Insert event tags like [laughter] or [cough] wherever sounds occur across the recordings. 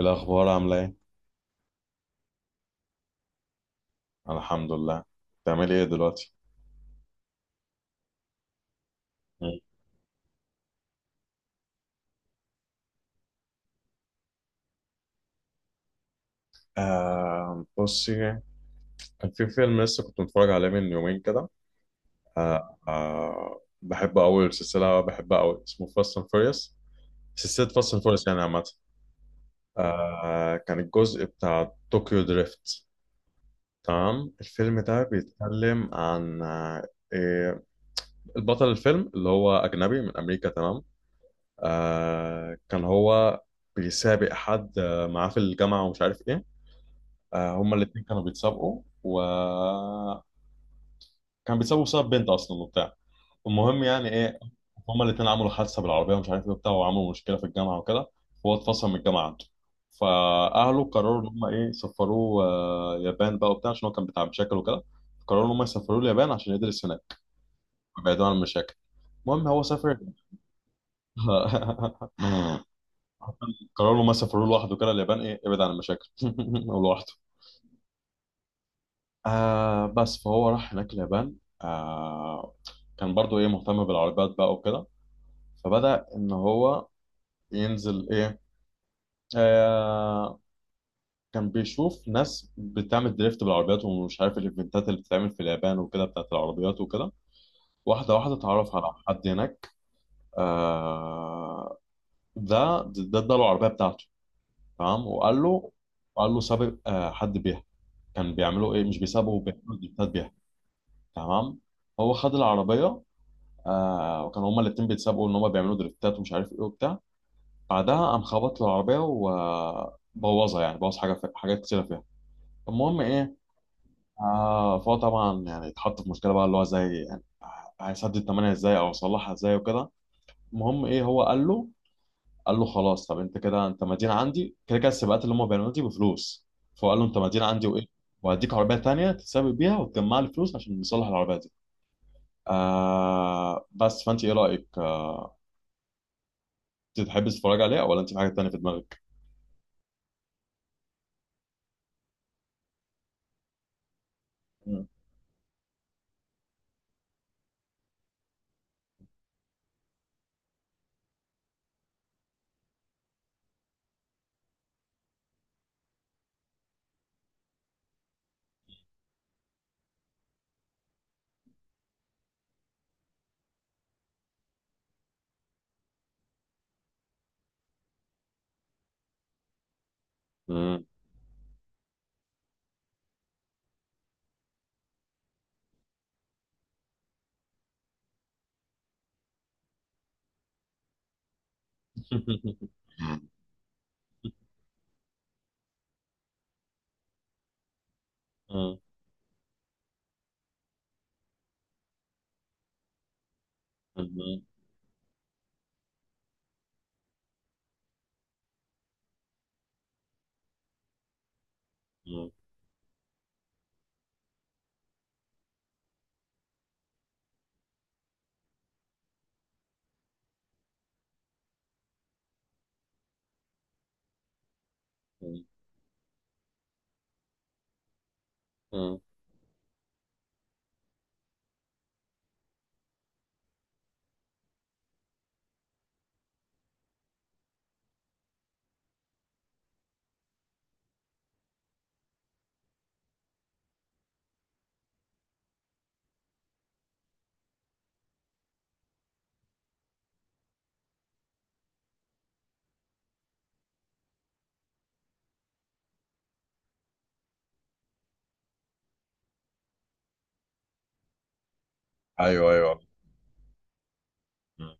الأخبار عاملة إيه؟ الحمد لله. بتعملي إيه دلوقتي؟ مم. بصي، كان في فيلم لسه كنت متفرج عليه من يومين كده. بحب أوي السلسلة، بحبها أوي، اسمه فاست أند فيريوس. سلسلة فاست أند فيريوس يعني عامة. كان الجزء بتاع طوكيو دريفت. تمام، الفيلم ده بيتكلم عن آه إيه، البطل الفيلم اللي هو أجنبي من أمريكا، تمام. كان هو بيسابق حد معاه في الجامعة ومش عارف إيه. هما الاتنين كانوا بيتسابقوا، بيتسابقوا بسبب بنت اصلا وبتاع. المهم يعني ايه، هما الاتنين عملوا حادثه بالعربيه ومش عارف ايه وبتاع، وعملوا مشكله في الجامعه وكده. فهو اتفصل من الجامعه عنده. فاهله قرروا ان هما ايه، سفروه اليابان بقى وبتاع عشان هو كان بتاع مشاكل وكده. قرروا ان هما يسافروه اليابان عشان يدرس هناك ويبعدوا عن المشاكل. المهم هو سافر. [laughs] قرروا ان هما يسافروه لوحده كده اليابان، ايه، ابعد عن المشاكل. [laughs] لوحده. بس فهو راح هناك اليابان. آه كان برضو ايه، مهتم بالعربيات بقى وكده. فبدأ ان هو ينزل ايه، آه كان بيشوف ناس بتعمل دريفت بالعربيات ومش عارف الايفنتات اللي بتتعمل في اليابان وكده بتاعت العربيات وكده. واحدة واحدة اتعرف على حد هناك. آه ده اداله العربية بتاعته، تمام. وقال له سابق حد بيها. كان بيعملوا ايه، مش بيسابقوا، بيعملوا دريفتات بيها، تمام. هو خد العربية، وكانوا هما الاتنين بيتسابقوا، ان هما بيعملوا دريفتات ومش عارف ايه وبتاع. بعدها قام خبط له العربيه وبوظها، يعني بوظ حاجه، في حاجات كتيره فيها. المهم ايه، فهو طبعا يعني اتحط في مشكله بقى، اللي هو زي يعني هيسدد الثمانيه ازاي او يصلحها ازاي وكده. المهم ايه، هو قال له قال له خلاص، طب انت كده انت مدين عندي، كده السباقات اللي هما بيعملوها دي بفلوس. فهو قال له انت مدين عندي وايه، وهديك عربيه تانيه تتسابق بيها وتجمع لي فلوس عشان نصلح العربيه دي. بس فانت ايه رايك انت تحبي تتفرج عليه ولا انت في حاجه تانيه في دماغك؟ مم. مم. [laughs] مم. مم. مم. مم. ايوه ايوه. مم.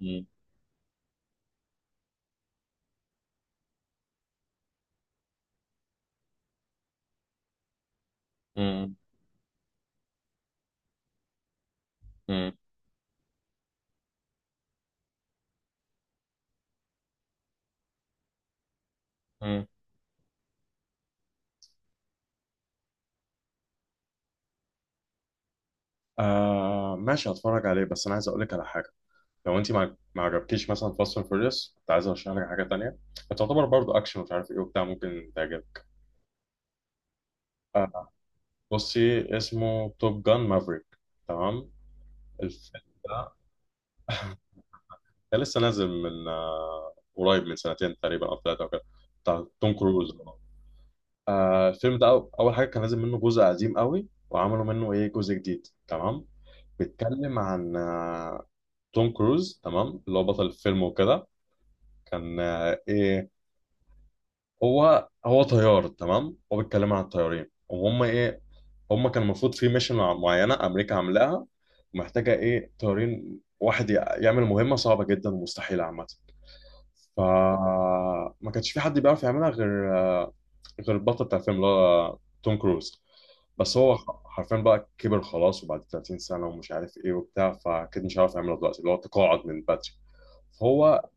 مم. مم. مم. مم. ماشي، هتفرج عليه، بس انا عايز اقول لك على حاجه. لو انت ما عجبكيش مثلا فاست اند فيوريوس، كنت عايز ارشح لك حاجه تانية، هتعتبر برضه اكشن مش عارف ايه وبتاع، ممكن تعجبك. آه بصي، اسمه توب جان مافريك، تمام. الفيلم ده ده لسه نازل من قريب من سنتين تقريبا او ثلاثه او كده، بتاع توم كروز. الفيلم ده اول حاجه كان نازل منه جزء قديم قوي، وعملوا منه ايه، جزء جديد، تمام. بيتكلم عن توم كروز، تمام، اللي هو بطل الفيلم وكده. كان ايه، هو طيار، تمام. هو بيتكلم عن الطيارين، وهم ايه، هم كان المفروض في ميشن معينه امريكا عاملاها، ومحتاجه ايه، طيارين، واحد يعمل مهمه صعبه جدا ومستحيله عامه. فما كانش في حد بيعرف يعملها غير البطل بتاع الفيلم، اللي هو توم كروز. بس هو حرفيا بقى كبر خلاص، وبعد 30 سنة ومش عارف ايه وبتاع، فأكيد مش عارف يعملها دلوقتي، اللي هو تقاعد من بدري. فهو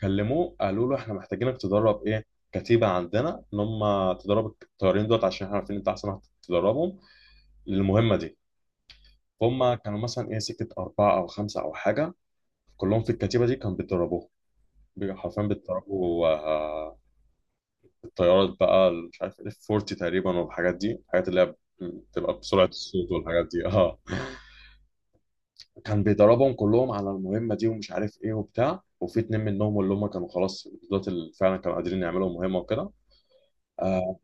كلموه قالوا له احنا محتاجينك تدرب ايه، كتيبة عندنا، ان هم تدرب الطيارين دول عشان احنا عارفين انت احسن واحد تدربهم للمهمة دي. فهم كانوا مثلا ايه، سكة أربعة أو خمسة أو حاجة، كلهم في الكتيبة دي كانوا بيتدربوهم. حرفيا بيتدربوا الطيارات بقى مش عارف اف 40 تقريبا، والحاجات دي، الحاجات اللي هي بتبقى بسرعه الصوت والحاجات دي، اه. كان بيدربهم كلهم على المهمه دي ومش عارف ايه وبتاع، وفي اتنين منهم اللي هم كانوا خلاص دولت اللي فعلا كانوا قادرين يعملوا مهمه وكده. آه.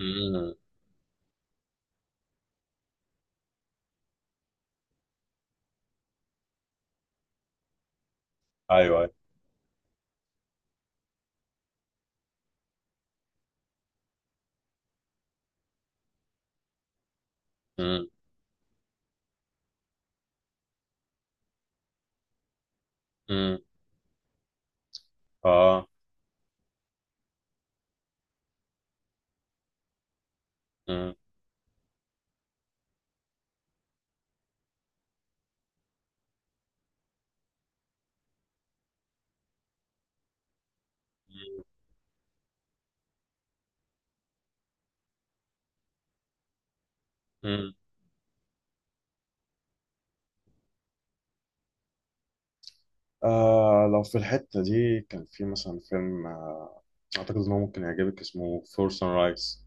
مم. ايوه ايوه. مم. مم. اه. مم. مم. لو في الحته دي، كان في مثلا فيلم اعتقد انه ممكن يعجبك، اسمه فور سان رايز.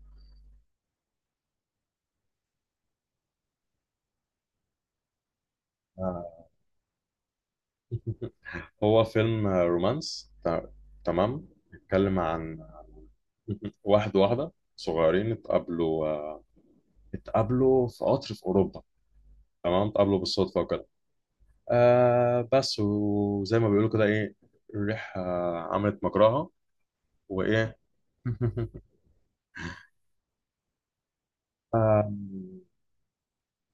هو فيلم رومانس، تمام، بيتكلم عن [laughs] واحد وواحدة صغيرين اتقابلوا اتقابلوا في قطر في أوروبا، تمام. اتقابلوا بالصدفة وكده. بس وزي ما بيقولوا كده ايه، الريحة عملت مجراها وإيه. [laughs] آه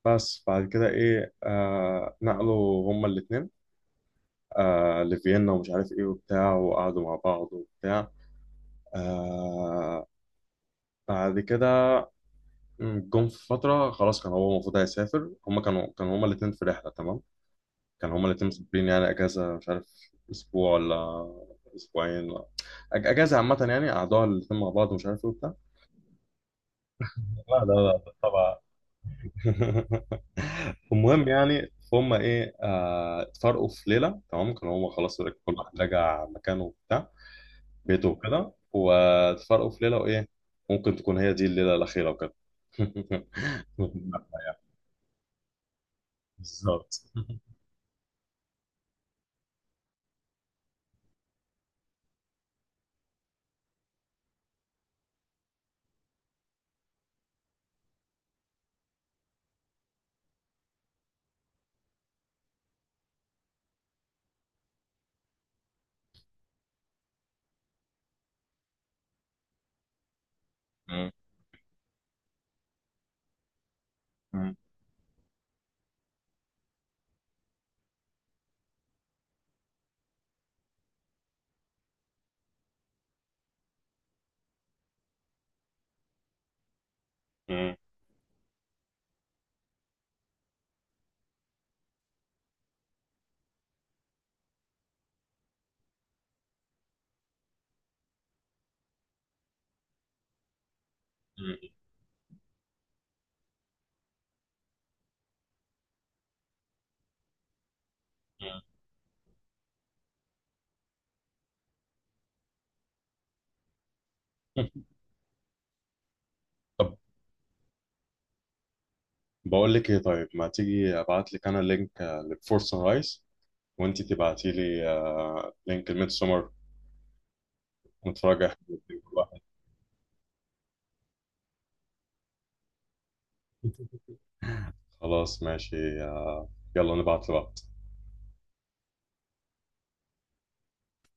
بس بعد كده إيه نقلوا هما الاتنين لفيينا ومش عارف إيه وبتاع، وقعدوا مع بعض وبتاع. آه بعد كده، مم، جم في فترة خلاص كان هو المفروض هيسافر، هما كانوا هما الاتنين في رحلة، تمام. كانوا هما الاتنين مسافرين، يعني أجازة، مش عارف أسبوع ولا أسبوعين ولا، أجازة عامة يعني قعدوها الاتنين مع بعض ومش عارف إيه وبتاع. لا لا لا طبعا. [laughs] المهم يعني، فهم إيه اتفرقوا في ليلة، تمام. كانوا هما خلاص كل واحد راجع مكانه وبتاع، بيته وكده، واتفرقوا في ليلة، وإيه، ممكن تكون هي دي الليلة الأخيرة وكده. [laughs] بالظبط. مم. مم. مم. مم. [laughs] طب، بقول لك ايه، طيب ما تيجي ابعت لك انا لينك للفورس هايس، وانت تبعتي لي لينك الميد سمر، نتفرج احنا الاتنين كل واحد. خلاص ماشي يلا نبعت لبعض.